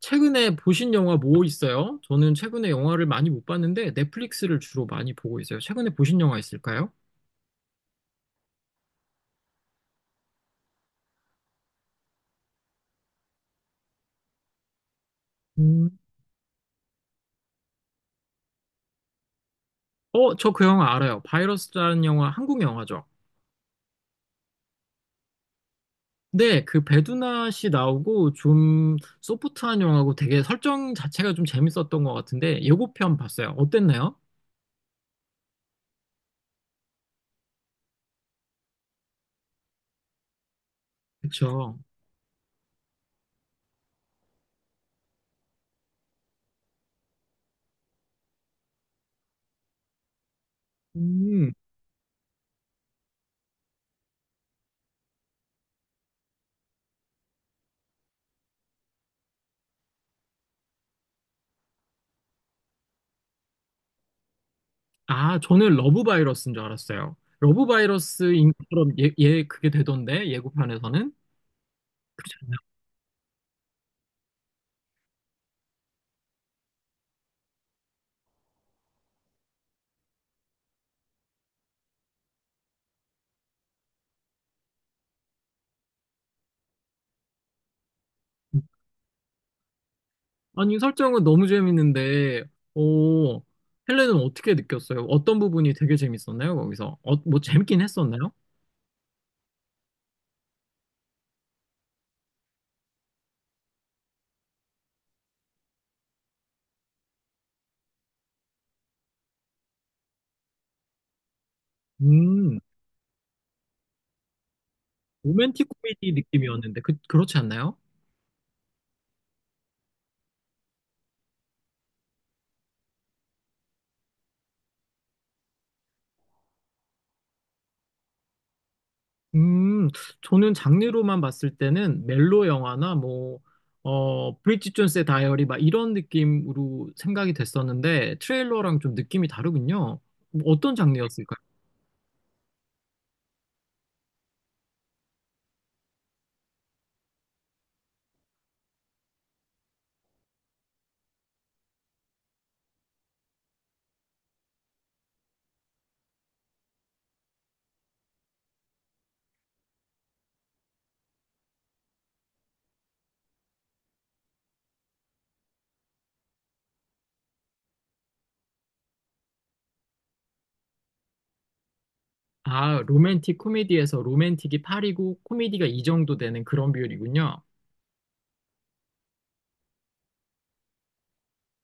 최근에 보신 영화 뭐 있어요? 저는 최근에 영화를 많이 못 봤는데 넷플릭스를 주로 많이 보고 있어요. 최근에 보신 영화 있을까요? 음, 저 그 영화 알아요. 바이러스라는 영화, 한국 영화죠. 네, 그 배두나 씨 나오고 좀 소프트한 영화고 되게 설정 자체가 좀 재밌었던 것 같은데 예고편 봤어요. 어땠나요? 그쵸. 음, 아, 저는 러브 바이러스인 줄 알았어요. 러브 바이러스인 것처럼 예, 예, 그게 되던데 예고편에서는. 아니, 설정은 너무 재밌는데, 오, 헬레는 어떻게 느꼈어요? 어떤 부분이 되게 재밌었나요, 거기서? 뭐 재밌긴 했었나요? 음, 로맨틱 코미디 느낌이었는데, 그, 그렇지 않나요? 음, 저는 장르로만 봤을 때는 멜로 영화나 뭐, 브리짓 존스의 다이어리 막 이런 느낌으로 생각이 됐었는데, 트레일러랑 좀 느낌이 다르군요. 뭐 어떤 장르였을까요? 아, 로맨틱 코미디에서 로맨틱이 8이고 코미디가 이 정도 되는 그런 비율이군요.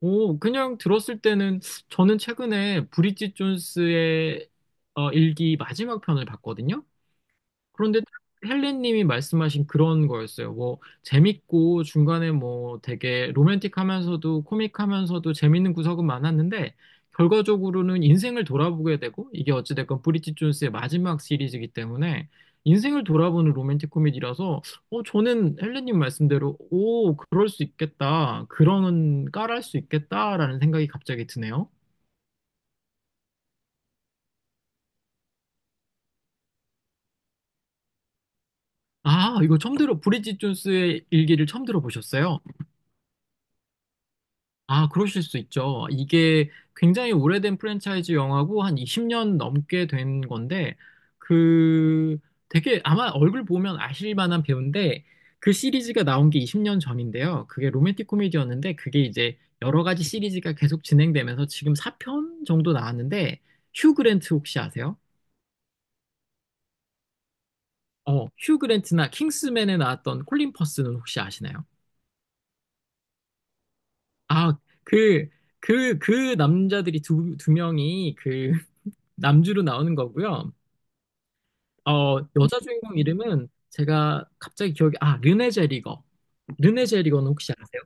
오, 그냥 들었을 때는 저는 최근에 브리짓 존스의 일기 마지막 편을 봤거든요. 그런데 헬렌님이 말씀하신 그런 거였어요. 뭐 재밌고 중간에 뭐 되게 로맨틱하면서도 코믹하면서도 재밌는 구석은 많았는데 결과적으로는 인생을 돌아보게 되고, 이게 어찌됐건 브리짓 존스의 마지막 시리즈이기 때문에 인생을 돌아보는 로맨틱 코미디라서 저는 헬렌님 말씀대로 오 그럴 수 있겠다 그런 깔할 수 있겠다라는 생각이 갑자기 드네요. 아 이거 처음 들어 브리짓 존스의 일기를 처음 들어보셨어요? 아, 그러실 수 있죠. 이게 굉장히 오래된 프랜차이즈 영화고 한 20년 넘게 된 건데 그 되게 아마 얼굴 보면 아실 만한 배우인데 그 시리즈가 나온 게 20년 전인데요. 그게 로맨틱 코미디였는데 그게 이제 여러 가지 시리즈가 계속 진행되면서 지금 4편 정도 나왔는데 휴 그랜트 혹시 아세요? 휴 그랜트나 킹스맨에 나왔던 콜린 퍼스는 혹시 아시나요? 아, 그, 그, 그 남자들이 두, 두 명이 그 남주로 나오는 거고요. 어, 여자 주인공 이름은 제가 갑자기 기억이, 아, 르네 제리거. 르네 제리거는 혹시 아세요?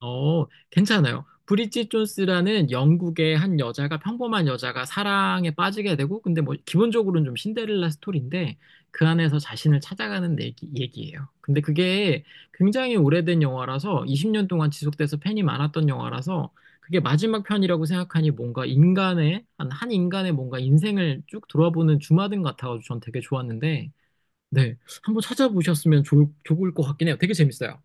괜찮아요. 브리짓 존스라는 영국의 한 여자가 평범한 여자가 사랑에 빠지게 되고 근데 뭐 기본적으로는 좀 신데렐라 스토리인데 그 안에서 자신을 찾아가는 얘기예요. 근데 그게 굉장히 오래된 영화라서 20년 동안 지속돼서 팬이 많았던 영화라서 그게 마지막 편이라고 생각하니 뭔가 인간의 한 인간의 뭔가 인생을 쭉 돌아보는 주마등 같아가지고 전 되게 좋았는데 네, 한번 찾아보셨으면 좋을 것 같긴 해요. 되게 재밌어요.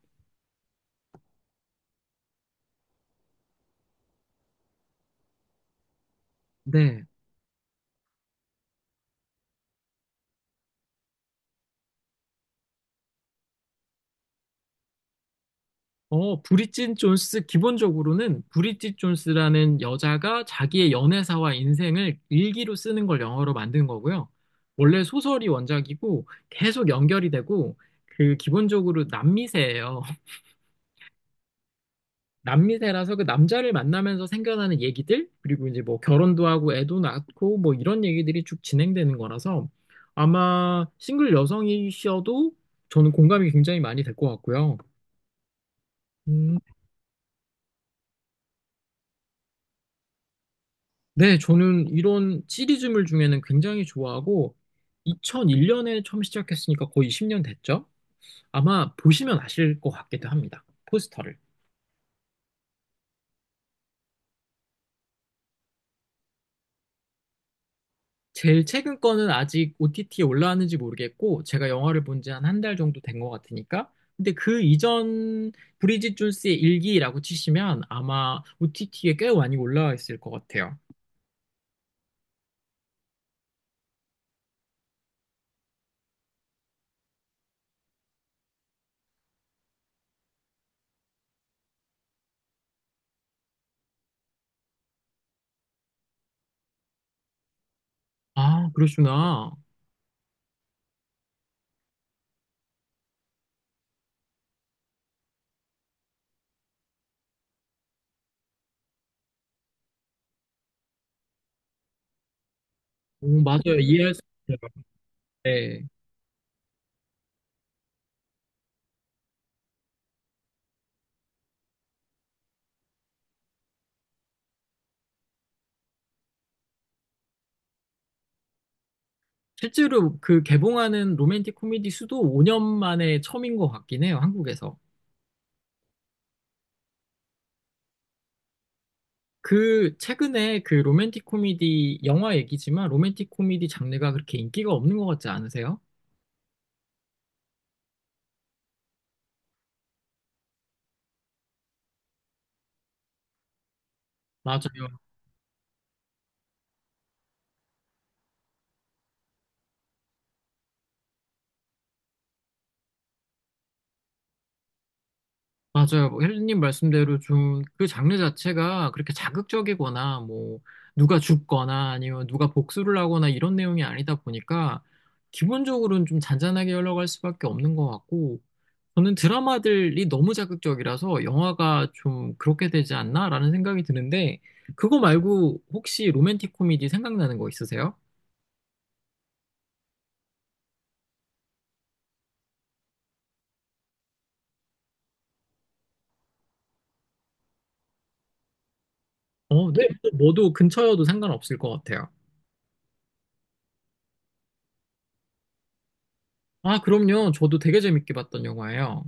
브리짓 존스, 기본적으로는 브리짓 존스라는 여자가 자기의 연애사와 인생을 일기로 쓰는 걸 영어로 만든 거고요. 원래 소설이 원작이고 계속 연결이 되고 그 기본적으로 남미세예요. 남미세라서 그 남자를 만나면서 생겨나는 얘기들, 그리고 이제 뭐 결혼도 하고 애도 낳고 뭐 이런 얘기들이 쭉 진행되는 거라서 아마 싱글 여성이셔도 저는 공감이 굉장히 많이 될 것 같고요. 음, 네, 저는 이런 시리즈물 중에는 굉장히 좋아하고 2001년에 처음 시작했으니까 거의 10년 됐죠? 아마 보시면 아실 것 같기도 합니다. 포스터를. 제일 최근 거는 아직 OTT에 올라왔는지 모르겠고 제가 영화를 본지 한 한 달 정도 된 것 같으니까 근데 그 이전 브리짓 존스의 일기라고 치시면 아마 OTT에 꽤 많이 올라와 있을 것 같아요. 아, 그러시구나. 오, 맞아요. 이해할 수 있어요. 네. 실제로 그 개봉하는 로맨틱 코미디 수도 5년 만에 처음인 것 같긴 해요, 한국에서. 그, 최근에 그 로맨틱 코미디, 영화 얘기지만 로맨틱 코미디 장르가 그렇게 인기가 없는 것 같지 않으세요? 맞아요. 맞아요. 뭐 혜진님 말씀대로 좀 그 장르 자체가 그렇게 자극적이거나 뭐 누가 죽거나 아니면 누가 복수를 하거나 이런 내용이 아니다 보니까 기본적으로는 좀 잔잔하게 흘러갈 수밖에 없는 것 같고 저는 드라마들이 너무 자극적이라서 영화가 좀 그렇게 되지 않나라는 생각이 드는데, 그거 말고 혹시 로맨틱 코미디 생각나는 거 있으세요? 어, 네. 네. 뭐도 근처여도 상관없을 것 같아요. 아, 그럼요. 저도 되게 재밌게 봤던 영화예요.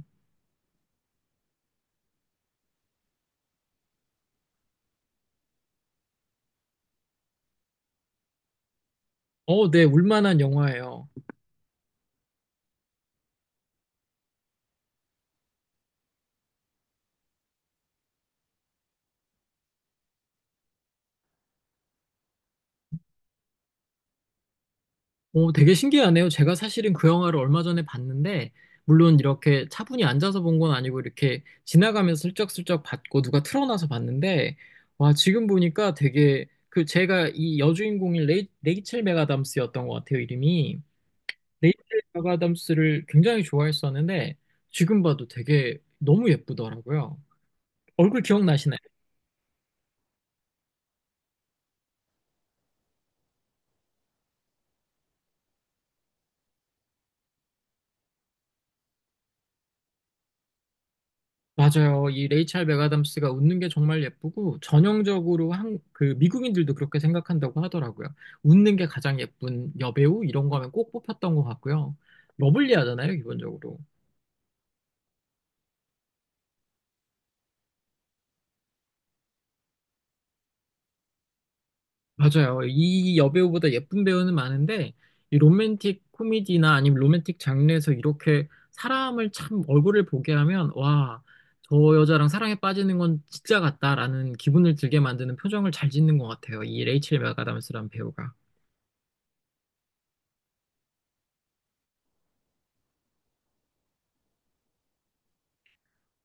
어, 네. 울만한 영화예요. 오, 되게 신기하네요. 제가 사실은 그 영화를 얼마 전에 봤는데, 물론 이렇게 차분히 앉아서 본 건 아니고, 이렇게 지나가면서 슬쩍슬쩍 봤고, 누가 틀어놔서 봤는데, 와, 지금 보니까 되게, 그 제가 이 여주인공인 레이첼 맥아담스였던 것 같아요, 이름이. 레이첼 맥아담스를 굉장히 좋아했었는데, 지금 봐도 되게 너무 예쁘더라고요. 얼굴 기억나시나요? 맞아요. 이 레이첼 맥아담스가 웃는 게 정말 예쁘고 전형적으로 한 그 미국인들도 그렇게 생각한다고 하더라고요. 웃는 게 가장 예쁜 여배우 이런 거면 꼭 뽑혔던 것 같고요. 러블리하잖아요, 기본적으로. 맞아요. 이 여배우보다 예쁜 배우는 많은데 이 로맨틱 코미디나 아니면 로맨틱 장르에서 이렇게 사람을 참 얼굴을 보게 하면 와, 저 여자랑 사랑에 빠지는 건 진짜 같다라는 기분을 들게 만드는 표정을 잘 짓는 것 같아요. 이 레이첼 맥아담스라는 배우가.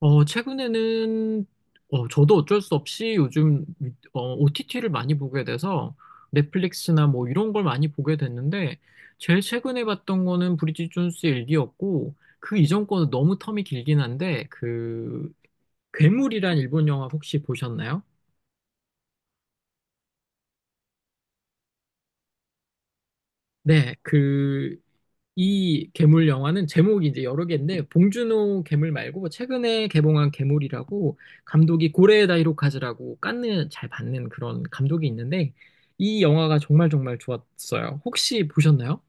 최근에는, 저도 어쩔 수 없이 요즘, OTT를 많이 보게 돼서 넷플릭스나 뭐 이런 걸 많이 보게 됐는데, 제일 최근에 봤던 거는 브리짓 존스의 일기였고, 그 이전 거는 너무 텀이 길긴 한데, 그, 괴물이란 일본 영화 혹시 보셨나요? 네, 그, 이 괴물 영화는 제목이 이제 여러 개인데 봉준호 괴물 말고 뭐 최근에 개봉한 괴물이라고 감독이 고레에다 히로카즈라고 깐느 잘 받는 그런 감독이 있는데 이 영화가 정말 정말 좋았어요. 혹시 보셨나요?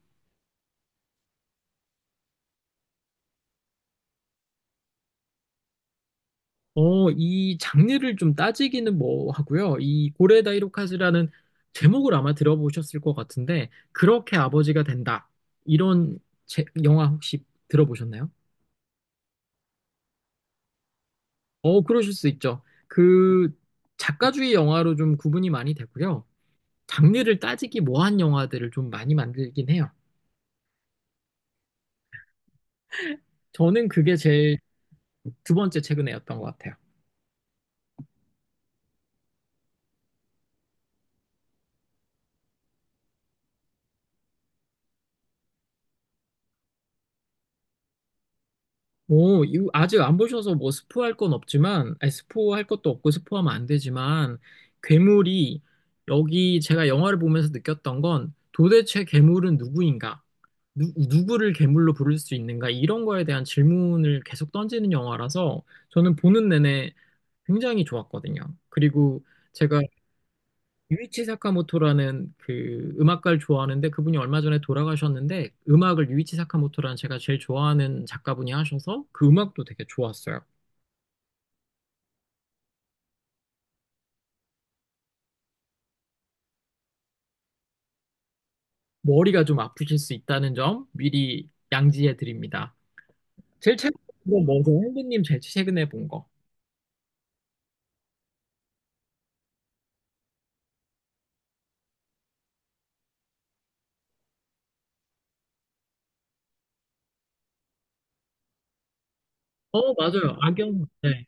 이 장르를 좀 따지기는 뭐 하고요. 이 고레에다 히로카즈라는 제목을 아마 들어보셨을 것 같은데 그렇게 아버지가 된다. 이런 영화 혹시 들어보셨나요? 어, 그러실 수 있죠. 그 작가주의 영화로 좀 구분이 많이 되고요. 장르를 따지기 뭐한 영화들을 좀 많이 만들긴 해요. 저는 그게 제일 두 번째 최근에였던 것 같아요. 오, 이거 아직 안 보셔서 뭐 스포할 건 없지만, 아니, 스포할 것도 없고 스포하면 안 되지만, 괴물이 여기 제가 영화를 보면서 느꼈던 건 도대체 괴물은 누구인가? 누구를 괴물로 부를 수 있는가? 이런 거에 대한 질문을 계속 던지는 영화라서 저는 보는 내내 굉장히 좋았거든요. 그리고 제가 유이치 사카모토라는 그 음악가를 좋아하는데 그분이 얼마 전에 돌아가셨는데 음악을 유이치 사카모토라는 제가 제일 좋아하는 작가분이 하셔서 그 음악도 되게 좋았어요. 머리가 좀 아프실 수 있다는 점 미리 양지해 드립니다. 제일 최근에 본건 뭐죠? 형님 제일 최근에 본 거. 어, 맞아요. 악연. 네.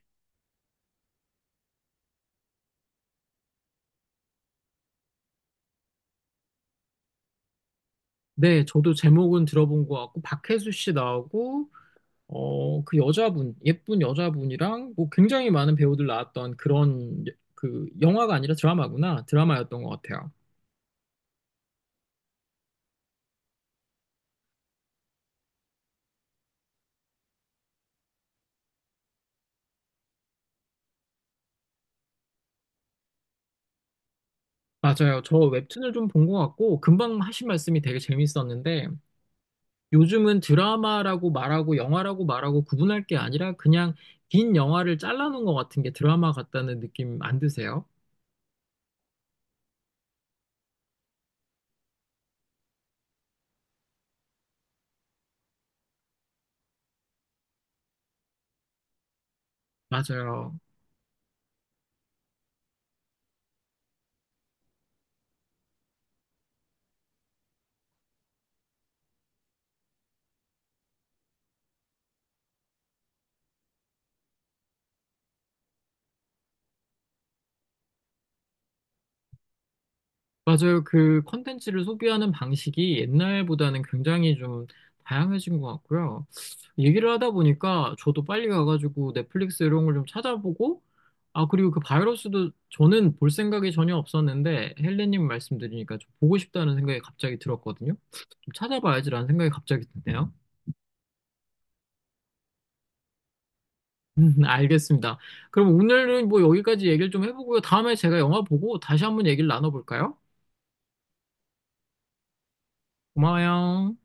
네, 저도 제목은 들어본 것 같고 박혜수 씨 나오고 그 여자분, 예쁜 여자분이랑 뭐 굉장히 많은 배우들 나왔던 그런 그 영화가 아니라 드라마구나. 드라마였던 것 같아요. 맞아요. 저 웹툰을 좀 본 것 같고 금방 하신 말씀이 되게 재밌었는데 요즘은 드라마라고 말하고 영화라고 말하고 구분할 게 아니라 그냥 긴 영화를 잘라놓은 것 같은 게 드라마 같다는 느낌 안 드세요? 맞아요. 맞아요. 그 컨텐츠를 소비하는 방식이 옛날보다는 굉장히 좀 다양해진 것 같고요. 얘기를 하다 보니까 저도 빨리 가가지고 넷플릭스 이런 걸 좀 찾아보고, 아, 그리고 그 바이러스도 저는 볼 생각이 전혀 없었는데, 헬레님 말씀 드리니까 좀 보고 싶다는 생각이 갑자기 들었거든요. 좀 찾아봐야지라는 생각이 갑자기 드네요. 알겠습니다. 그럼 오늘은 뭐 여기까지 얘기를 좀 해보고요. 다음에 제가 영화 보고 다시 한번 얘기를 나눠볼까요? 고마워요.